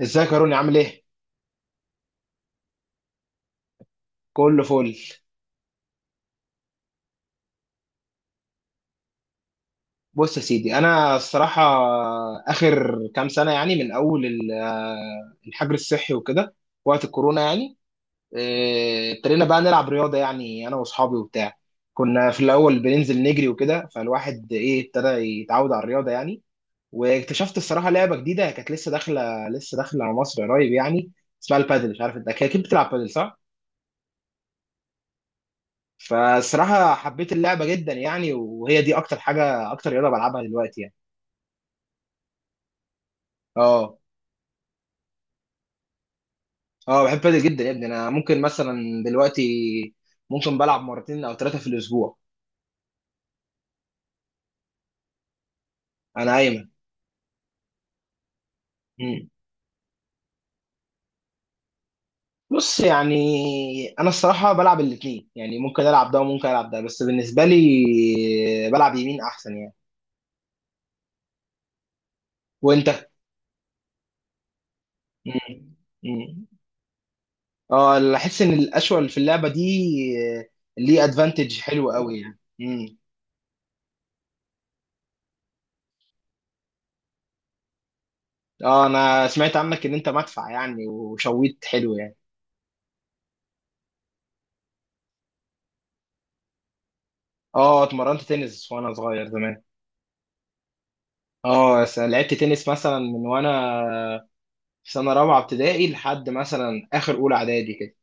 ازيك يا روني؟ عامل ايه؟ كله فل. بص يا سيدي، انا الصراحه اخر كام سنه يعني من اول الحجر الصحي وكده، وقت الكورونا يعني. ابتدينا بقى نلعب رياضه يعني، انا واصحابي وبتاع. كنا في الاول بننزل نجري وكده، فالواحد ايه ابتدى يتعود على الرياضه يعني. واكتشفت الصراحه لعبه جديده كانت لسه داخله على مصر قريب يعني، اسمها البادل. مش عارف، انت اكيد بتلعب بادل صح؟ فالصراحه حبيت اللعبه جدا يعني، وهي دي اكتر حاجه، اكتر رياضه بلعبها دلوقتي يعني. اه. اه بحب بادل جدا يا ابني، انا ممكن مثلا دلوقتي ممكن بلعب مرتين او ثلاثه في الاسبوع. انا ايمن. مم. بص يعني، انا الصراحه بلعب الاثنين يعني ممكن العب ده وممكن العب ده، بس بالنسبه لي بلعب يمين احسن يعني. وانت؟ مم. مم. اه، اللي احس ان الاشول في اللعبه دي ليه ادفانتج حلو قوي يعني. مم. اه، انا سمعت عنك ان انت مدفع يعني وشويت حلو يعني. اه اتمرنت تنس وانا صغير زمان. اه، لعبت تنس مثلا من وانا في سنه رابعه ابتدائي لحد مثلا اخر اولى اعدادي كده.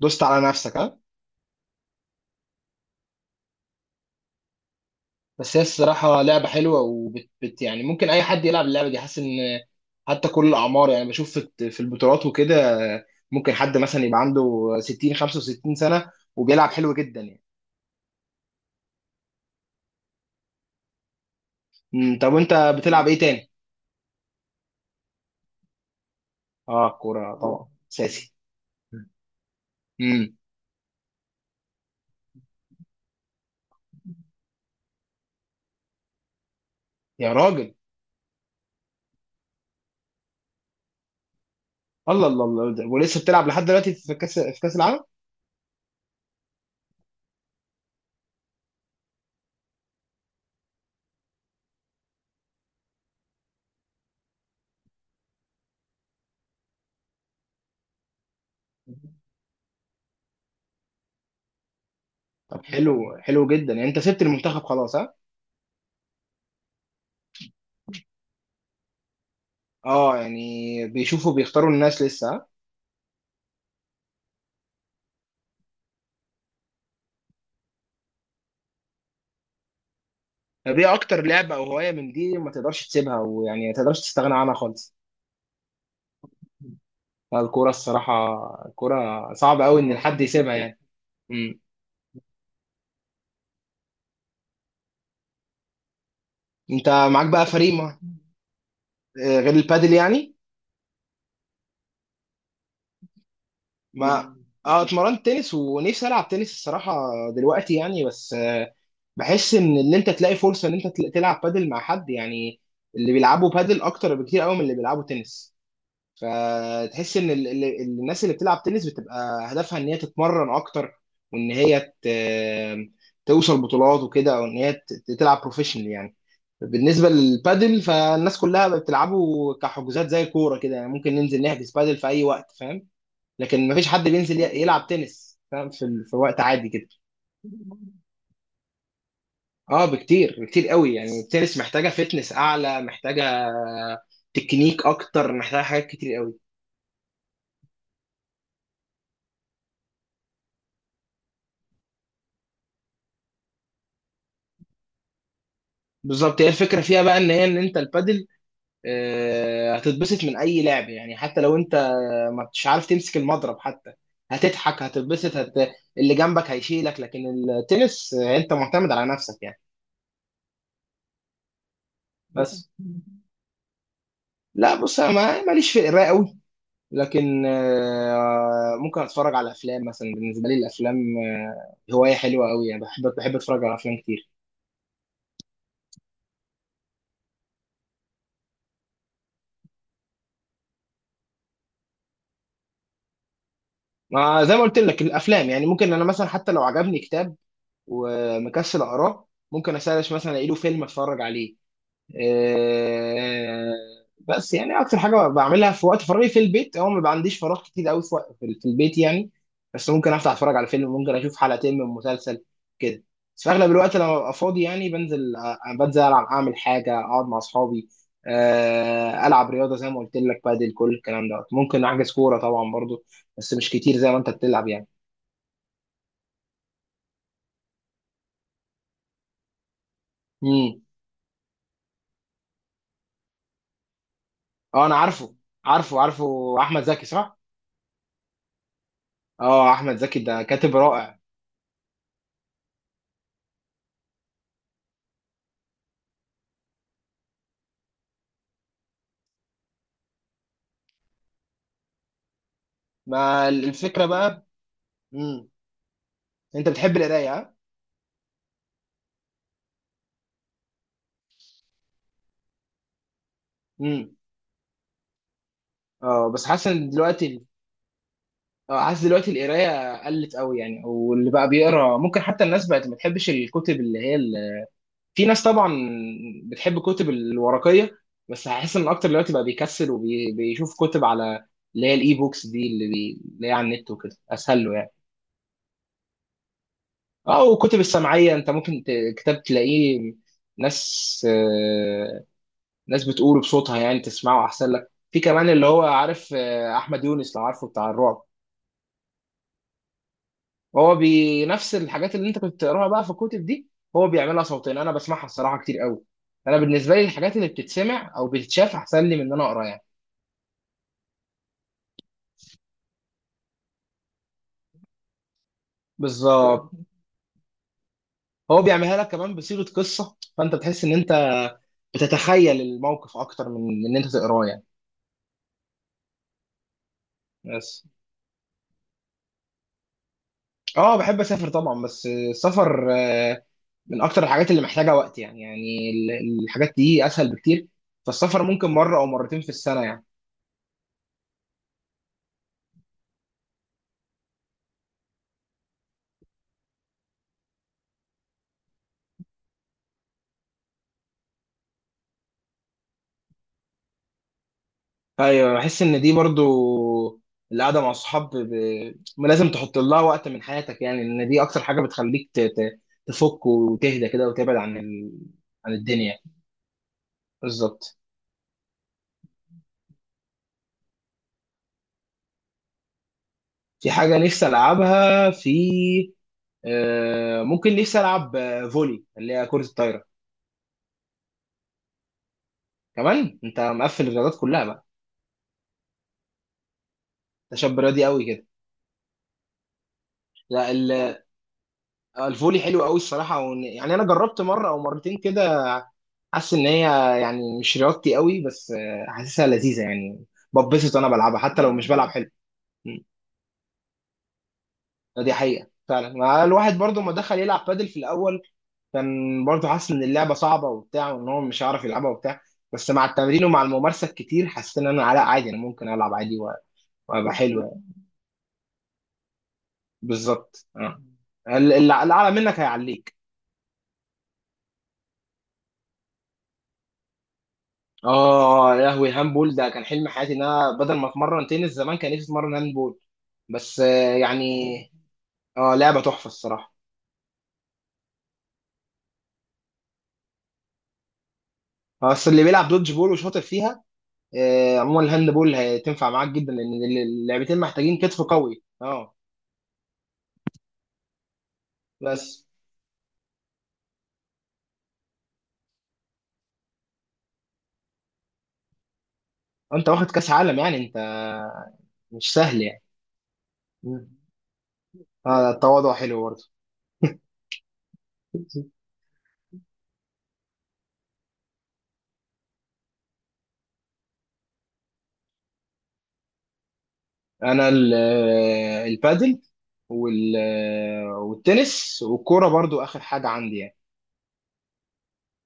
دوست على نفسك ها؟ بس هي الصراحه لعبه حلوه، وبت بت يعني ممكن اي حد يلعب اللعبه دي، حاسس ان حتى كل الاعمار يعني. بشوف في البطولات وكده، ممكن حد مثلا يبقى عنده 60 65 سنه وبيلعب حلو جدا يعني. طب وانت بتلعب ايه تاني؟ اه كوره طبعا اساسي. امم يا راجل. الله الله الله، ولسه بتلعب لحد دلوقتي في كاس العالم؟ طب حلو حلو جدا يعني، انت سبت المنتخب خلاص ها؟ اه يعني، بيشوفوا بيختاروا الناس لسه ها؟ طب ايه اكتر لعبه او هوايه من دي ما تقدرش تسيبها، ويعني ما تقدرش تستغنى عنها خالص؟ لا، الكوره الصراحه. الكوره صعب قوي ان حد يسيبها يعني. امم. انت معاك بقى فريق ما؟ غير البادل يعني. ما اه اتمرنت تنس ونفسي العب تنس الصراحه دلوقتي يعني. بس بحس ان انت تلاقي فرصه ان انت تلعب بادل مع حد يعني. اللي بيلعبوا بادل اكتر بكتير قوي من اللي بيلعبوا تنس. فتحس ان الناس اللي بتلعب تنس بتبقى هدفها ان هي تتمرن اكتر، وان هي توصل بطولات وكده، او ان هي تلعب بروفيشنال يعني. بالنسبه للبادل فالناس كلها بتلعبه كحجوزات، زي الكوره كده يعني ممكن ننزل نحجز بادل في اي وقت فاهم. لكن مفيش حد بينزل يلعب تنس فاهم، في في وقت عادي كده. اه بكتير بكتير قوي يعني، التنس محتاجه، فتنس اعلى محتاجه تكنيك اكتر، محتاجه حاجات كتير قوي. بالظبط، هي الفكره فيها بقى ان هي، ان انت البادل هتتبسط من اي لعب يعني، حتى لو انت ما مش عارف تمسك المضرب حتى، هتضحك، هتتبسط، اللي جنبك هيشيلك. لكن التنس انت معتمد على نفسك يعني. بس لا بص، انا ماليش في القرايه قوي، لكن ممكن اتفرج على افلام مثلا. بالنسبه لي الافلام هوايه حلوه قوي يعني، بحب اتفرج على افلام كتير. ما زي ما قلت لك الافلام يعني، ممكن انا مثلا حتى لو عجبني كتاب ومكسل اقراه، ممكن اسرش مثلا الاقي له فيلم اتفرج عليه. آه، بس يعني اكتر حاجه بعملها في وقت فراغي في البيت، هو ما عنديش فراغ كتير قوي في وقت- في في البيت يعني. بس ممكن افتح اتفرج على فيلم، ممكن اشوف حلقتين من مسلسل كده. بس في اغلب الوقت لما ببقى فاضي يعني بنزل، بنزل العب اعمل حاجه اقعد مع اصحابي، العب رياضه زي ما قلت لك، بادل كل الكلام ده، ممكن احجز كوره طبعا برضو، بس مش كتير زي ما انت بتلعب يعني. اه انا عارفه عارفه عارفه، احمد زكي صح؟ اه احمد زكي ده كاتب رائع. ما الفكره بقى. امم انت بتحب القرايه ها؟ امم اه بس حاسس ان دلوقتي، اه حاسس دلوقتي القرايه قلت قوي يعني، واللي بقى بيقرا ممكن حتى الناس بقت ما بتحبش الكتب، اللي هي في ناس طبعا بتحب الكتب الورقيه. بس هحس ان اكتر دلوقتي بقى بيكسل وبيشوف كتب على، اللي هي الاي بوكس دي، اللي هي على النت وكده اسهل له يعني. اه، وكتب السمعيه انت ممكن كتاب تلاقيه ناس، ناس بتقوله بصوتها يعني تسمعه احسن لك، في كمان اللي هو عارف احمد يونس لو عارفه بتاع الرعب. هو بنفس الحاجات اللي انت كنت بتقراها بقى في الكتب دي، هو بيعملها صوتين. انا بسمعها الصراحه كتير قوي. انا بالنسبه لي الحاجات اللي بتتسمع او بتتشاف احسن لي من ان انا اقرا يعني. بالظبط. هو بيعملها لك كمان بصيغه قصه، فانت بتحس ان انت بتتخيل الموقف اكتر من ان انت تقراه يعني. بس اه بحب اسافر طبعا، بس السفر من اكتر الحاجات اللي محتاجه وقت يعني، يعني الحاجات دي اسهل بكتير، فالسفر ممكن مره او مرتين في السنه يعني. ايوه بحس ان دي برضو، القعده مع الصحاب لازم تحط لها وقت من حياتك يعني، ان دي اكتر حاجه بتخليك تفك وتهدى كده، وتبعد عن عن الدنيا. بالظبط. في حاجه نفسي العبها في آه، ممكن نفسي العب، فولي اللي هي كره الطايره. كمان انت مقفل الرياضات كلها بقى؟ ده شاب رياضي قوي كده. لا الفولي حلو قوي الصراحه، يعني انا جربت مره او مرتين كده. حاسس ان هي يعني مش رياضتي قوي، بس حاسسها لذيذه يعني، ببسط وانا بلعبها حتى لو مش بلعب حلو. م. دي حقيقه فعلا، ما الواحد برضو ما دخل يلعب بادل في الاول كان برضو حاسس ان اللعبه صعبه وبتاع، وان هو مش هيعرف يلعبها وبتاع. بس مع التمرين ومع الممارسه الكتير حسيت ان انا لا عادي، انا ممكن العب عادي وابقى حلو يعني. بالظبط آه. اللي اعلى منك هيعليك. اه يا لهوي، هاندبول ده كان حلم حياتي، ان انا بدل ما اتمرن تنس زمان كان نفسي اتمرن هاندبول. بس يعني اه لعبه تحفه الصراحه. بس اللي بيلعب دودج بول وشاطر فيها، عموما الهاندبول هتنفع معاك جدا، لان اللعبتين محتاجين كتف قوي. اه بس انت واخد كاس عالم يعني، انت مش سهل يعني. مم. اه التواضع حلو برضه. انا البادل، والتنس، والكوره برضو اخر حاجه عندي يعني.